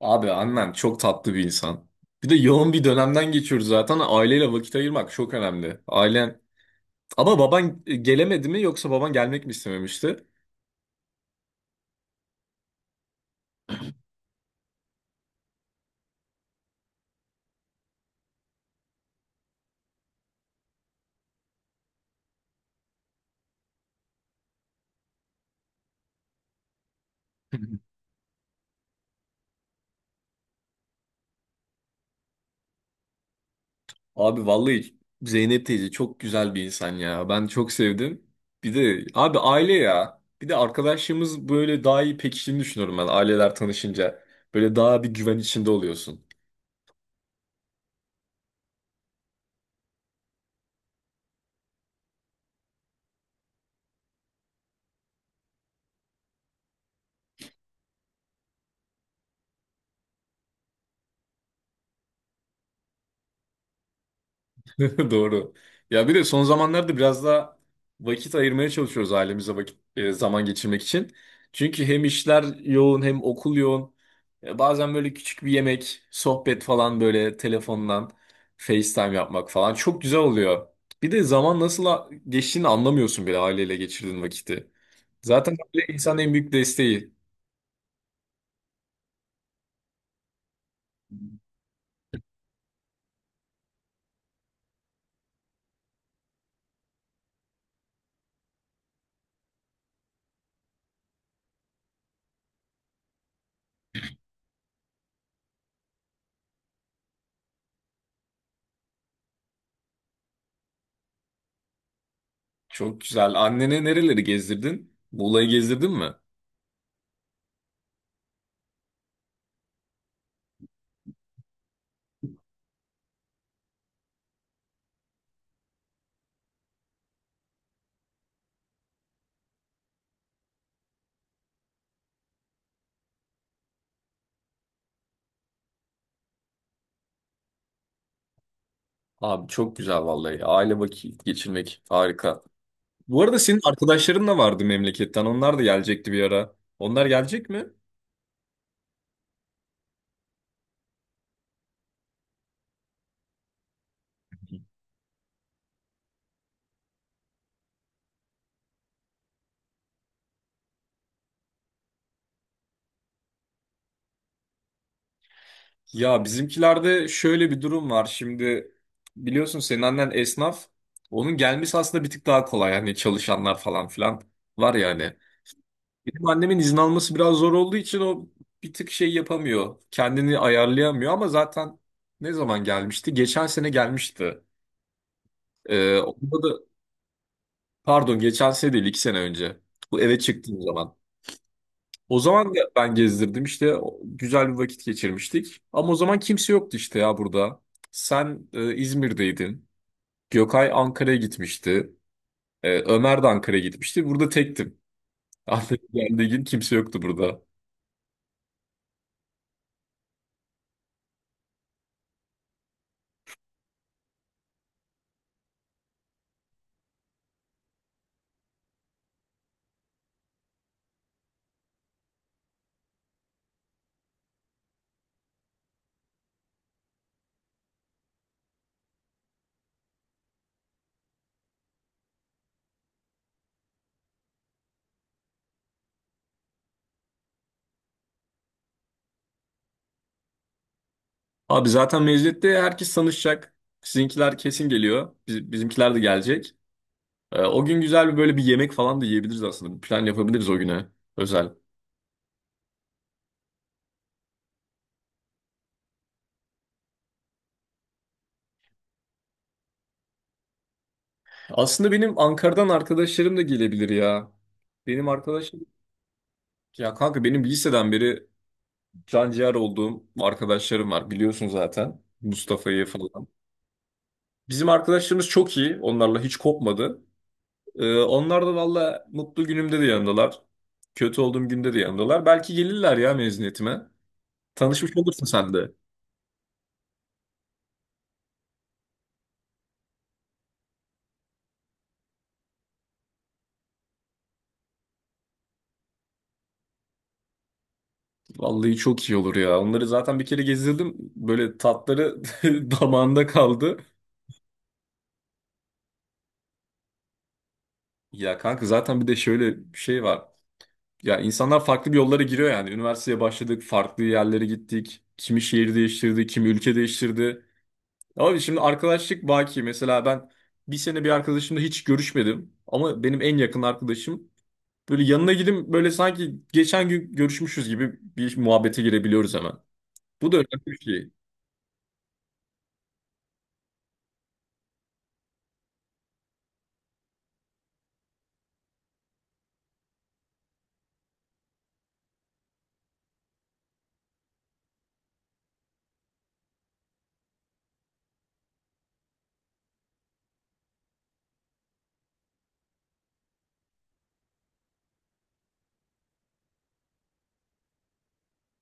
Abi annen çok tatlı bir insan. Bir de yoğun bir dönemden geçiyoruz zaten. Aileyle vakit ayırmak çok önemli. Ailen... Ama baban gelemedi mi yoksa baban gelmek mi istememişti? Abi vallahi Zeynep teyze çok güzel bir insan ya. Ben çok sevdim. Bir de abi aile ya. Bir de arkadaşlığımız böyle daha iyi pekiştiğini düşünüyorum ben aileler tanışınca. Böyle daha bir güven içinde oluyorsun. Doğru. Ya bir de son zamanlarda biraz daha vakit ayırmaya çalışıyoruz ailemize vakit zaman geçirmek için. Çünkü hem işler yoğun hem okul yoğun. Bazen böyle küçük bir yemek, sohbet falan böyle telefondan FaceTime yapmak falan çok güzel oluyor. Bir de zaman nasıl geçtiğini anlamıyorsun bile aileyle geçirdiğin vakiti. Zaten aile insanın en büyük desteği. Çok güzel. Annene nereleri gezdirdin? Muğla'yı gezdirdin mi? Abi çok güzel vallahi. Aile vakit geçirmek harika. Bu arada senin arkadaşların da vardı memleketten. Onlar da gelecekti bir ara. Onlar gelecek mi? Ya bizimkilerde şöyle bir durum var. Şimdi biliyorsun senin annen esnaf. Onun gelmesi aslında bir tık daha kolay. Hani çalışanlar falan filan var yani. Benim annemin izin alması biraz zor olduğu için o bir tık şey yapamıyor. Kendini ayarlayamıyor ama zaten ne zaman gelmişti? Geçen sene gelmişti. Onda da pardon geçen sene değil iki sene önce. Bu eve çıktığım zaman. O zaman da ben gezdirdim işte güzel bir vakit geçirmiştik. Ama o zaman kimse yoktu işte ya burada. Sen İzmir'deydin. Gökay Ankara'ya gitmişti. Ömer de Ankara'ya gitmişti. Burada tektim. Ankara'ya geldiği gün kimse yoktu burada. Abi zaten mezuniyette herkes tanışacak. Sizinkiler kesin geliyor. Bizimkiler de gelecek. O gün güzel bir böyle bir yemek falan da yiyebiliriz aslında. Bir plan yapabiliriz o güne özel. Aslında benim Ankara'dan arkadaşlarım da gelebilir ya. Benim arkadaşım ya kanka benim liseden beri can ciğer olduğum arkadaşlarım var biliyorsun zaten Mustafa'yı falan. Bizim arkadaşlarımız çok iyi onlarla hiç kopmadı. Onlar da valla mutlu günümde de yanımdalar. Kötü olduğum günde de yanımdalar. Belki gelirler ya mezuniyetime. Tanışmış olursun sen de. Vallahi çok iyi olur ya. Onları zaten bir kere gezdirdim. Böyle tatları damağında kaldı. Ya kanka zaten bir de şöyle bir şey var. Ya insanlar farklı bir yollara giriyor yani. Üniversiteye başladık, farklı yerlere gittik. Kimi şehir değiştirdi, kimi ülke değiştirdi. Ama şimdi arkadaşlık baki. Mesela ben bir sene bir arkadaşımla hiç görüşmedim. Ama benim en yakın arkadaşım. Böyle yanına gidip böyle sanki geçen gün görüşmüşüz gibi bir muhabbete girebiliyoruz hemen. Bu da önemli bir şey.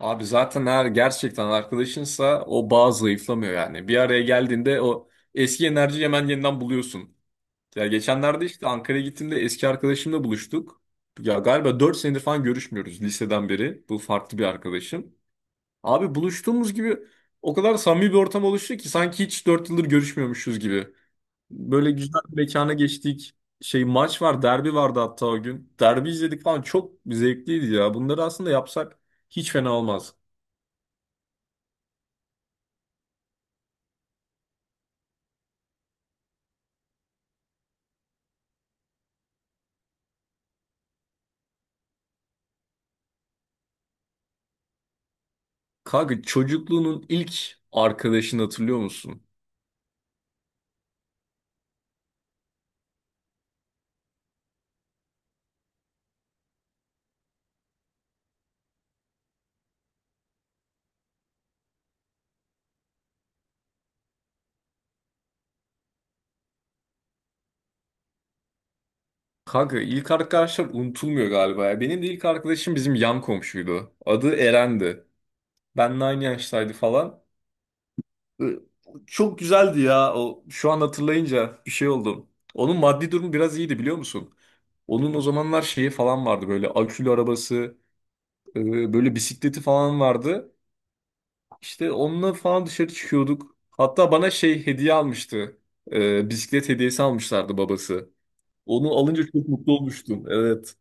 Abi zaten eğer gerçekten arkadaşınsa o bağ zayıflamıyor yani. Bir araya geldiğinde o eski enerjiyi hemen yeniden buluyorsun. Ya geçenlerde işte Ankara'ya gittiğimde eski arkadaşımla buluştuk. Ya galiba 4 senedir falan görüşmüyoruz liseden beri. Bu farklı bir arkadaşım. Abi buluştuğumuz gibi o kadar samimi bir ortam oluştu ki sanki hiç 4 yıldır görüşmüyormuşuz gibi. Böyle güzel bir mekana geçtik. Şey maç var, derbi vardı hatta o gün. Derbi izledik falan çok zevkliydi ya. Bunları aslında yapsak hiç fena olmaz. Kanka çocukluğunun ilk arkadaşını hatırlıyor musun? Kanka ilk arkadaşlar unutulmuyor galiba ya. Benim de ilk arkadaşım bizim yan komşuydu. Adı Eren'di. Benle aynı yaştaydı falan. Ee, Çok güzeldi ya. O, şu an hatırlayınca bir şey oldum. Onun maddi durumu biraz iyiydi biliyor musun? Onun o zamanlar şeyi falan vardı böyle akülü arabası, böyle bisikleti falan vardı. İşte onunla falan dışarı çıkıyorduk. Hatta bana şey hediye almıştı. Bisiklet hediyesi almışlardı babası. Onu alınca çok mutlu olmuştum. Evet.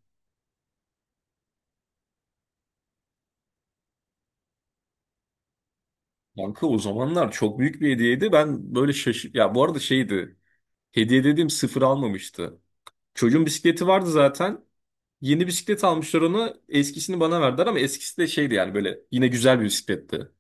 Kanka o zamanlar çok büyük bir hediyeydi. Ben böyle şaşır... Ya bu arada şeydi. Hediye dediğim sıfır almamıştı. Çocuğun bisikleti vardı zaten. Yeni bisiklet almışlar ona. Eskisini bana verdiler ama eskisi de şeydi yani böyle yine güzel bir bisikletti.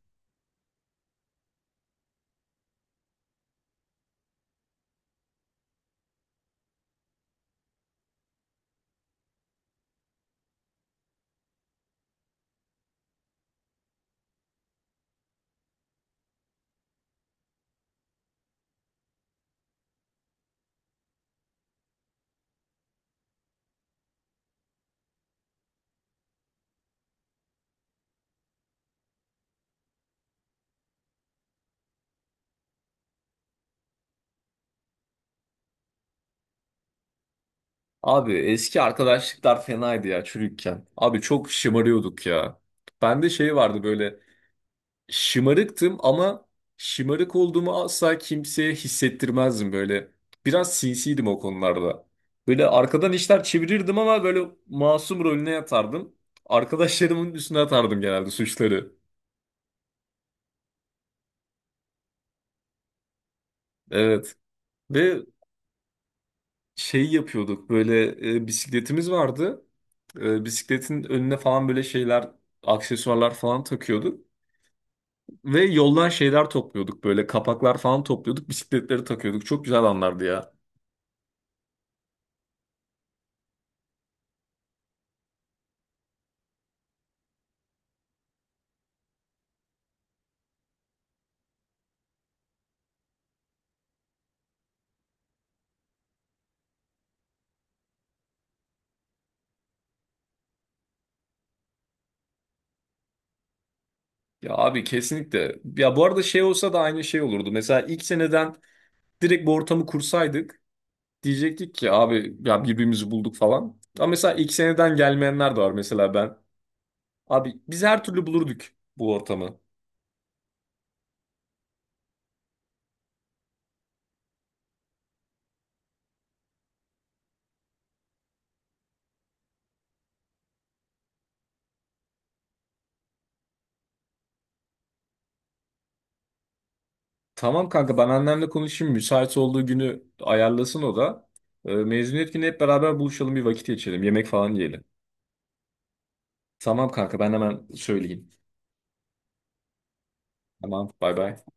Abi eski arkadaşlıklar fenaydı ya çocukken. Abi çok şımarıyorduk ya. Bende şey vardı böyle şımarıktım ama şımarık olduğumu asla kimseye hissettirmezdim böyle. Biraz sinsiydim o konularda. Böyle arkadan işler çevirirdim ama böyle masum rolüne yatardım. Arkadaşlarımın üstüne atardım genelde suçları. Evet. Ve şey yapıyorduk böyle bisikletimiz vardı. Bisikletin önüne falan böyle şeyler, aksesuarlar falan takıyorduk. Ve yoldan şeyler topluyorduk böyle kapaklar falan topluyorduk. Bisikletleri takıyorduk. Çok güzel anlardı ya. Ya abi kesinlikle. Ya bu arada şey olsa da aynı şey olurdu. Mesela ilk seneden direkt bu ortamı kursaydık diyecektik ki abi ya birbirimizi bulduk falan. Ama mesela ilk seneden gelmeyenler de var mesela ben. Abi biz her türlü bulurduk bu ortamı. Tamam kanka ben annemle konuşayım. Müsait olduğu günü ayarlasın o da. Mezuniyet günü hep beraber buluşalım bir vakit geçirelim. Yemek falan yiyelim. Tamam kanka ben hemen söyleyeyim. Tamam bay bay.